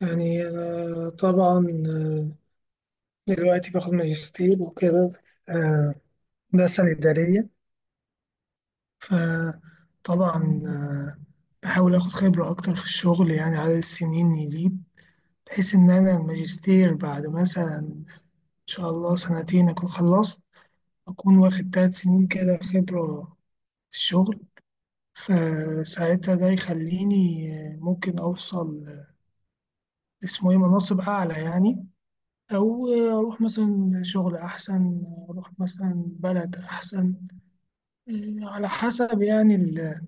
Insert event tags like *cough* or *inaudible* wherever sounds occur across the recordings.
أنا طبعا دلوقتي باخد ماجستير وكده. آه، ده سنة إدارية. فطبعا بحاول آخد خبرة أكتر في الشغل، يعني عدد السنين يزيد بحيث إن أنا الماجستير بعد مثلا إن شاء الله سنتين أكون خلصت، أكون واخد 3 سنين كده خبرة في الشغل. فساعتها ده يخليني ممكن أوصل اسمه إيه مناصب أعلى، يعني أو أروح مثلا شغل أحسن، أروح مثلا بلد أحسن، إيه، على حسب يعني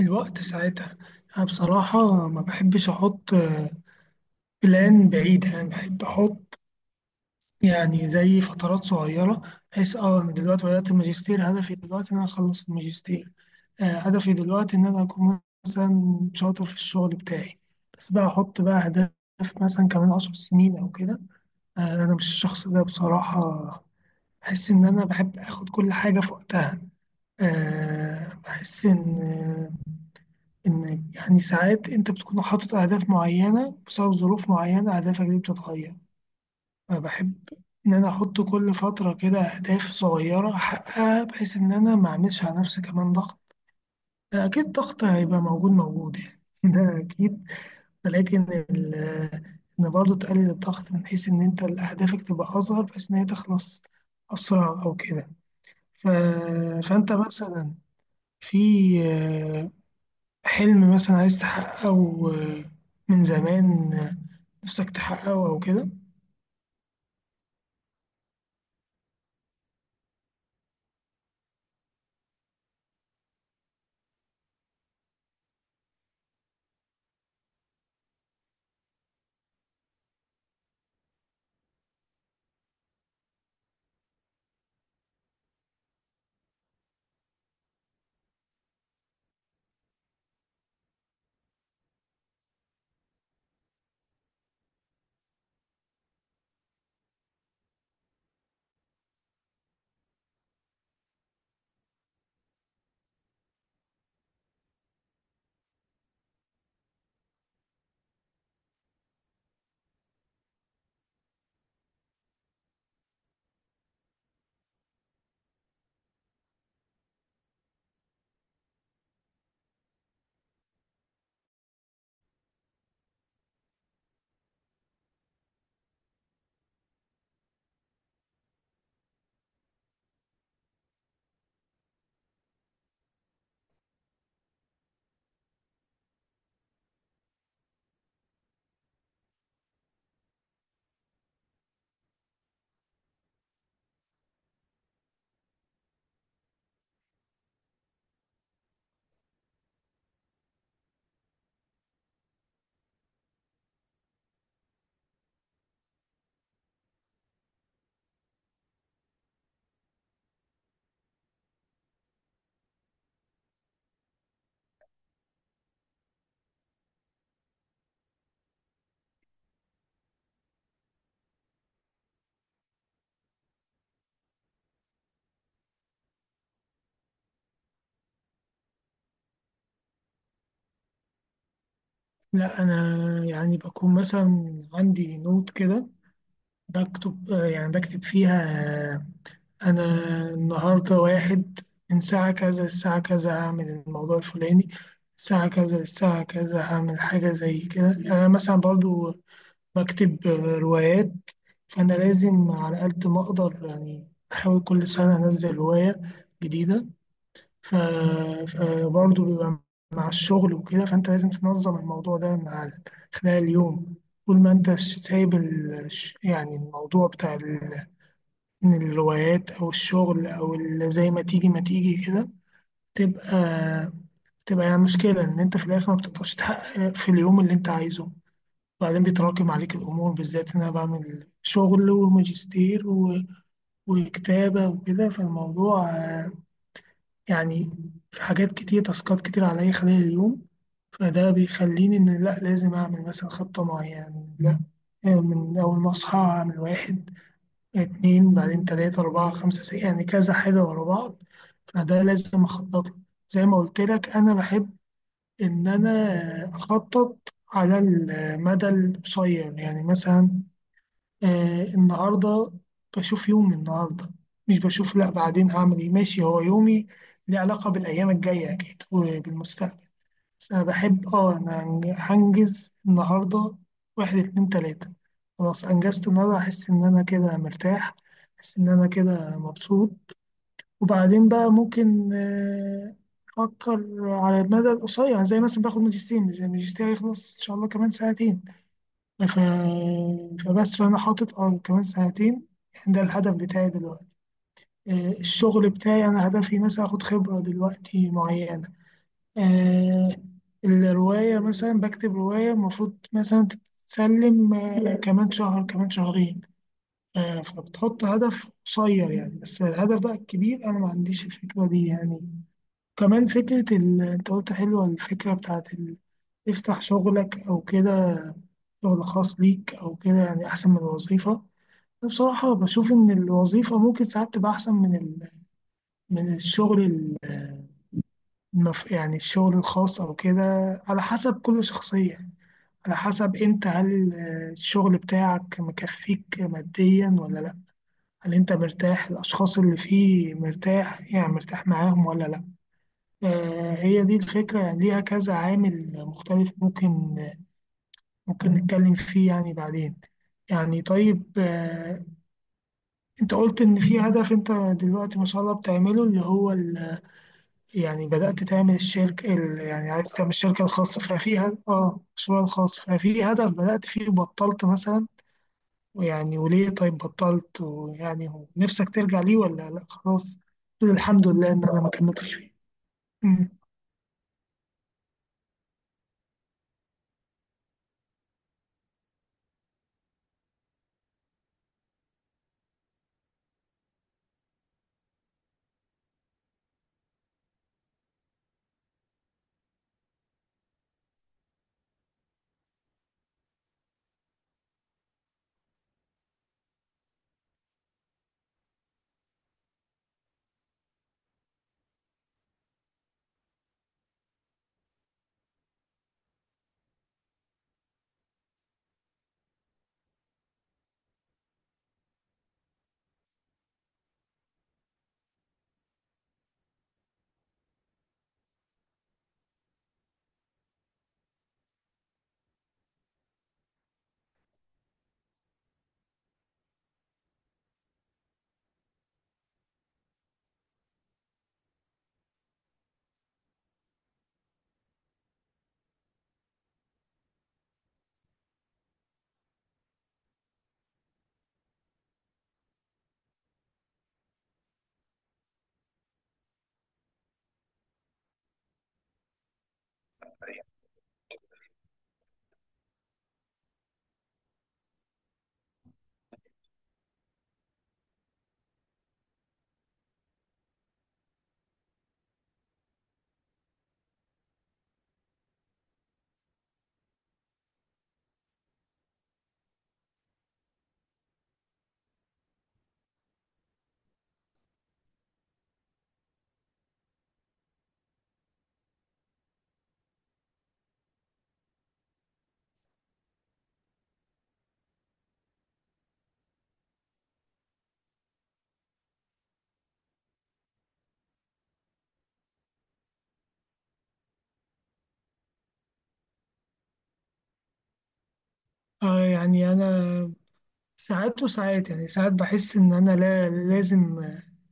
الوقت ساعتها. أنا بصراحة ما بحبش أحط بلان بعيد، يعني بحب أحط يعني زي فترات صغيرة، بحيث أنا دلوقتي بدأت الماجستير، هدفي دلوقتي إن أنا أخلص الماجستير. هدفي دلوقتي إن أنا أكون مثلا شاطر في الشغل بتاعي. بس بقى أحط بقى أهداف، مثلا كمان 10 سنين أو كده. أنا مش الشخص ده بصراحة، بحس إن أنا بحب آخد كل حاجة في وقتها. بحس إن يعني ساعات أنت بتكون حاطط أهداف معينة بسبب ظروف معينة، أهدافك دي بتتغير. فبحب إن أنا أحط كل فترة كده أهداف صغيرة أحققها، بحيث إن أنا ما أعملش على نفسي كمان ضغط. أكيد ضغط هيبقى موجود موجود يعني *laughs* ده أكيد. ولكن ال- إن برضه تقلل الضغط، من حيث إن أنت أهدافك تبقى أصغر بحيث إن هي تخلص أسرع أو كده. ف- فأنت مثلا في آه، حلم مثلا عايز تحققه آه، من زمان، نفسك تحققه أو كده. لا، أنا يعني بكون مثلا عندي نوت كده، بكتب يعني بكتب فيها آه، أنا النهاردة واحد، من ساعة كذا للساعة كذا هعمل الموضوع الفلاني، الساعة كذا للساعة كذا هعمل حاجة زي كده. يعني أنا مثلا برضو بكتب روايات، فأنا لازم على قد ما أقدر يعني بحاول كل سنة أنزل هواية جديدة. ف... فبرضه بيبقى مع الشغل وكده، فأنت لازم تنظم الموضوع ده مع خلال اليوم، طول ما أنت سايب يعني الموضوع بتاع من الروايات أو الشغل أو زي ما تيجي ما تيجي كده، تبقى تبقى يعني مشكلة، إن أنت في الآخر ما بتقدرش تحقق في اليوم اللي أنت عايزه. بعدين بيتراكم عليك الأمور، بالذات إن أنا بعمل شغل وماجستير وكتابة وكده. فالموضوع يعني في حاجات كتير، تاسكات كتير عليا خلال اليوم. فده بيخليني إن لأ، لازم أعمل مثلا خطة معينة. لأ، من أول ما أصحى أعمل واحد، اتنين، بعدين تلاتة، أربعة، خمسة، ستة، يعني كذا حاجة ورا بعض، فده لازم أخطط له. زي ما قلت لك أنا بحب إن أنا أخطط على المدى القصير، يعني مثلا النهارده بشوف يومي النهارده، مش بشوف لا بعدين هعمل ايه، ماشي هو يومي ليه علاقة بالأيام الجاية أكيد وبالمستقبل، بس أنا بحب أنا هنجز النهارده واحد، اتنين، تلاتة، خلاص أنجزت النهارده أحس إن أنا كده مرتاح، أحس إن أنا كده مبسوط. وبعدين بقى ممكن أفكر على المدى القصير، زي مثلا باخد ماجستير، الماجستير هيخلص إن شاء الله كمان ساعتين. ف... فبس فأنا حاطط كمان سنتين، يعني ده الهدف بتاعي دلوقتي. الشغل بتاعي أنا هدفي مثلا أخد خبرة دلوقتي معينة. آه، الرواية مثلا بكتب رواية المفروض مثلا تتسلم كمان شهر، كمان شهرين. فبتحط هدف قصير، يعني بس الهدف بقى الكبير أنا ما عنديش الفكرة دي، يعني كمان فكرة أنت قلت حلوة، الفكرة بتاعت تفتح شغلك أو كده، شغل خاص ليك أو كده، يعني أحسن من الوظيفة. بصراحة بشوف إن الوظيفة ممكن ساعات تبقى أحسن من من الشغل يعني الشغل الخاص أو كده، على حسب كل شخصية، على حسب أنت هل الشغل بتاعك مكفيك ماديا ولا لأ، هل أنت مرتاح الأشخاص اللي فيه مرتاح، يعني مرتاح معاهم ولا لأ. هي دي الفكرة، يعني ليها كذا عامل مختلف، ممكن نتكلم فيه يعني بعدين. يعني طيب انت قلت ان في هدف انت دلوقتي ما شاء الله بتعمله، اللي هو يعني بدأت تعمل الشركة يعني عايز تعمل الشركة الخاصة، ففي هدف المشروع الخاص، ففي هدف بدأت فيه وبطلت مثلا. ويعني وليه طيب بطلت، ويعني هو نفسك ترجع ليه ولا لا خلاص، تقول الحمد لله ان انا ما كملتش فيه. أمم. يعني انا ساعات وساعات، يعني ساعات بحس ان انا لا لازم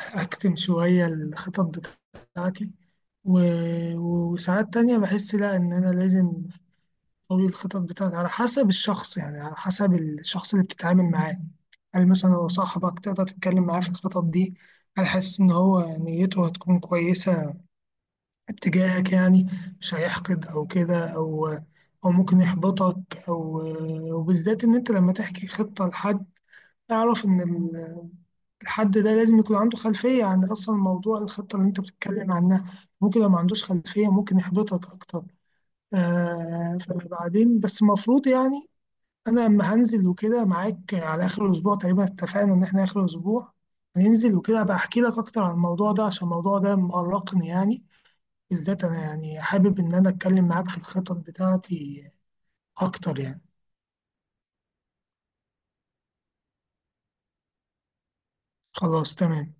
أكتم شوية الخطط بتاعتي. و- وساعات تانية بحس لأ إن أنا لازم أقوي الخطط بتاعتي على حسب الشخص، يعني على حسب الشخص اللي بتتعامل معاه، هل مثلا هو صاحبك تقدر تتكلم معاه في الخطط دي، هل حاسس إن هو نيته هتكون كويسة اتجاهك، يعني مش هيحقد أو كده، أو ممكن يحبطك، أو وبالذات إن أنت لما تحكي خطة لحد، أعرف إن الحد ده لازم يكون عنده خلفية عن أصلا موضوع الخطة اللي أنت بتتكلم عنها، ممكن لو ما عندوش خلفية ممكن يحبطك أكتر. فبعدين بس المفروض يعني أنا لما هنزل وكده معاك على آخر الأسبوع، تقريبا اتفقنا إن إحنا آخر الأسبوع هننزل وكده، أبقى أحكي لك أكتر عن الموضوع ده، عشان الموضوع ده مقلقني يعني. بالذات أنا يعني حابب إن أنا أتكلم معاك في الخطط بتاعتي أكتر يعني. خلاص تمام.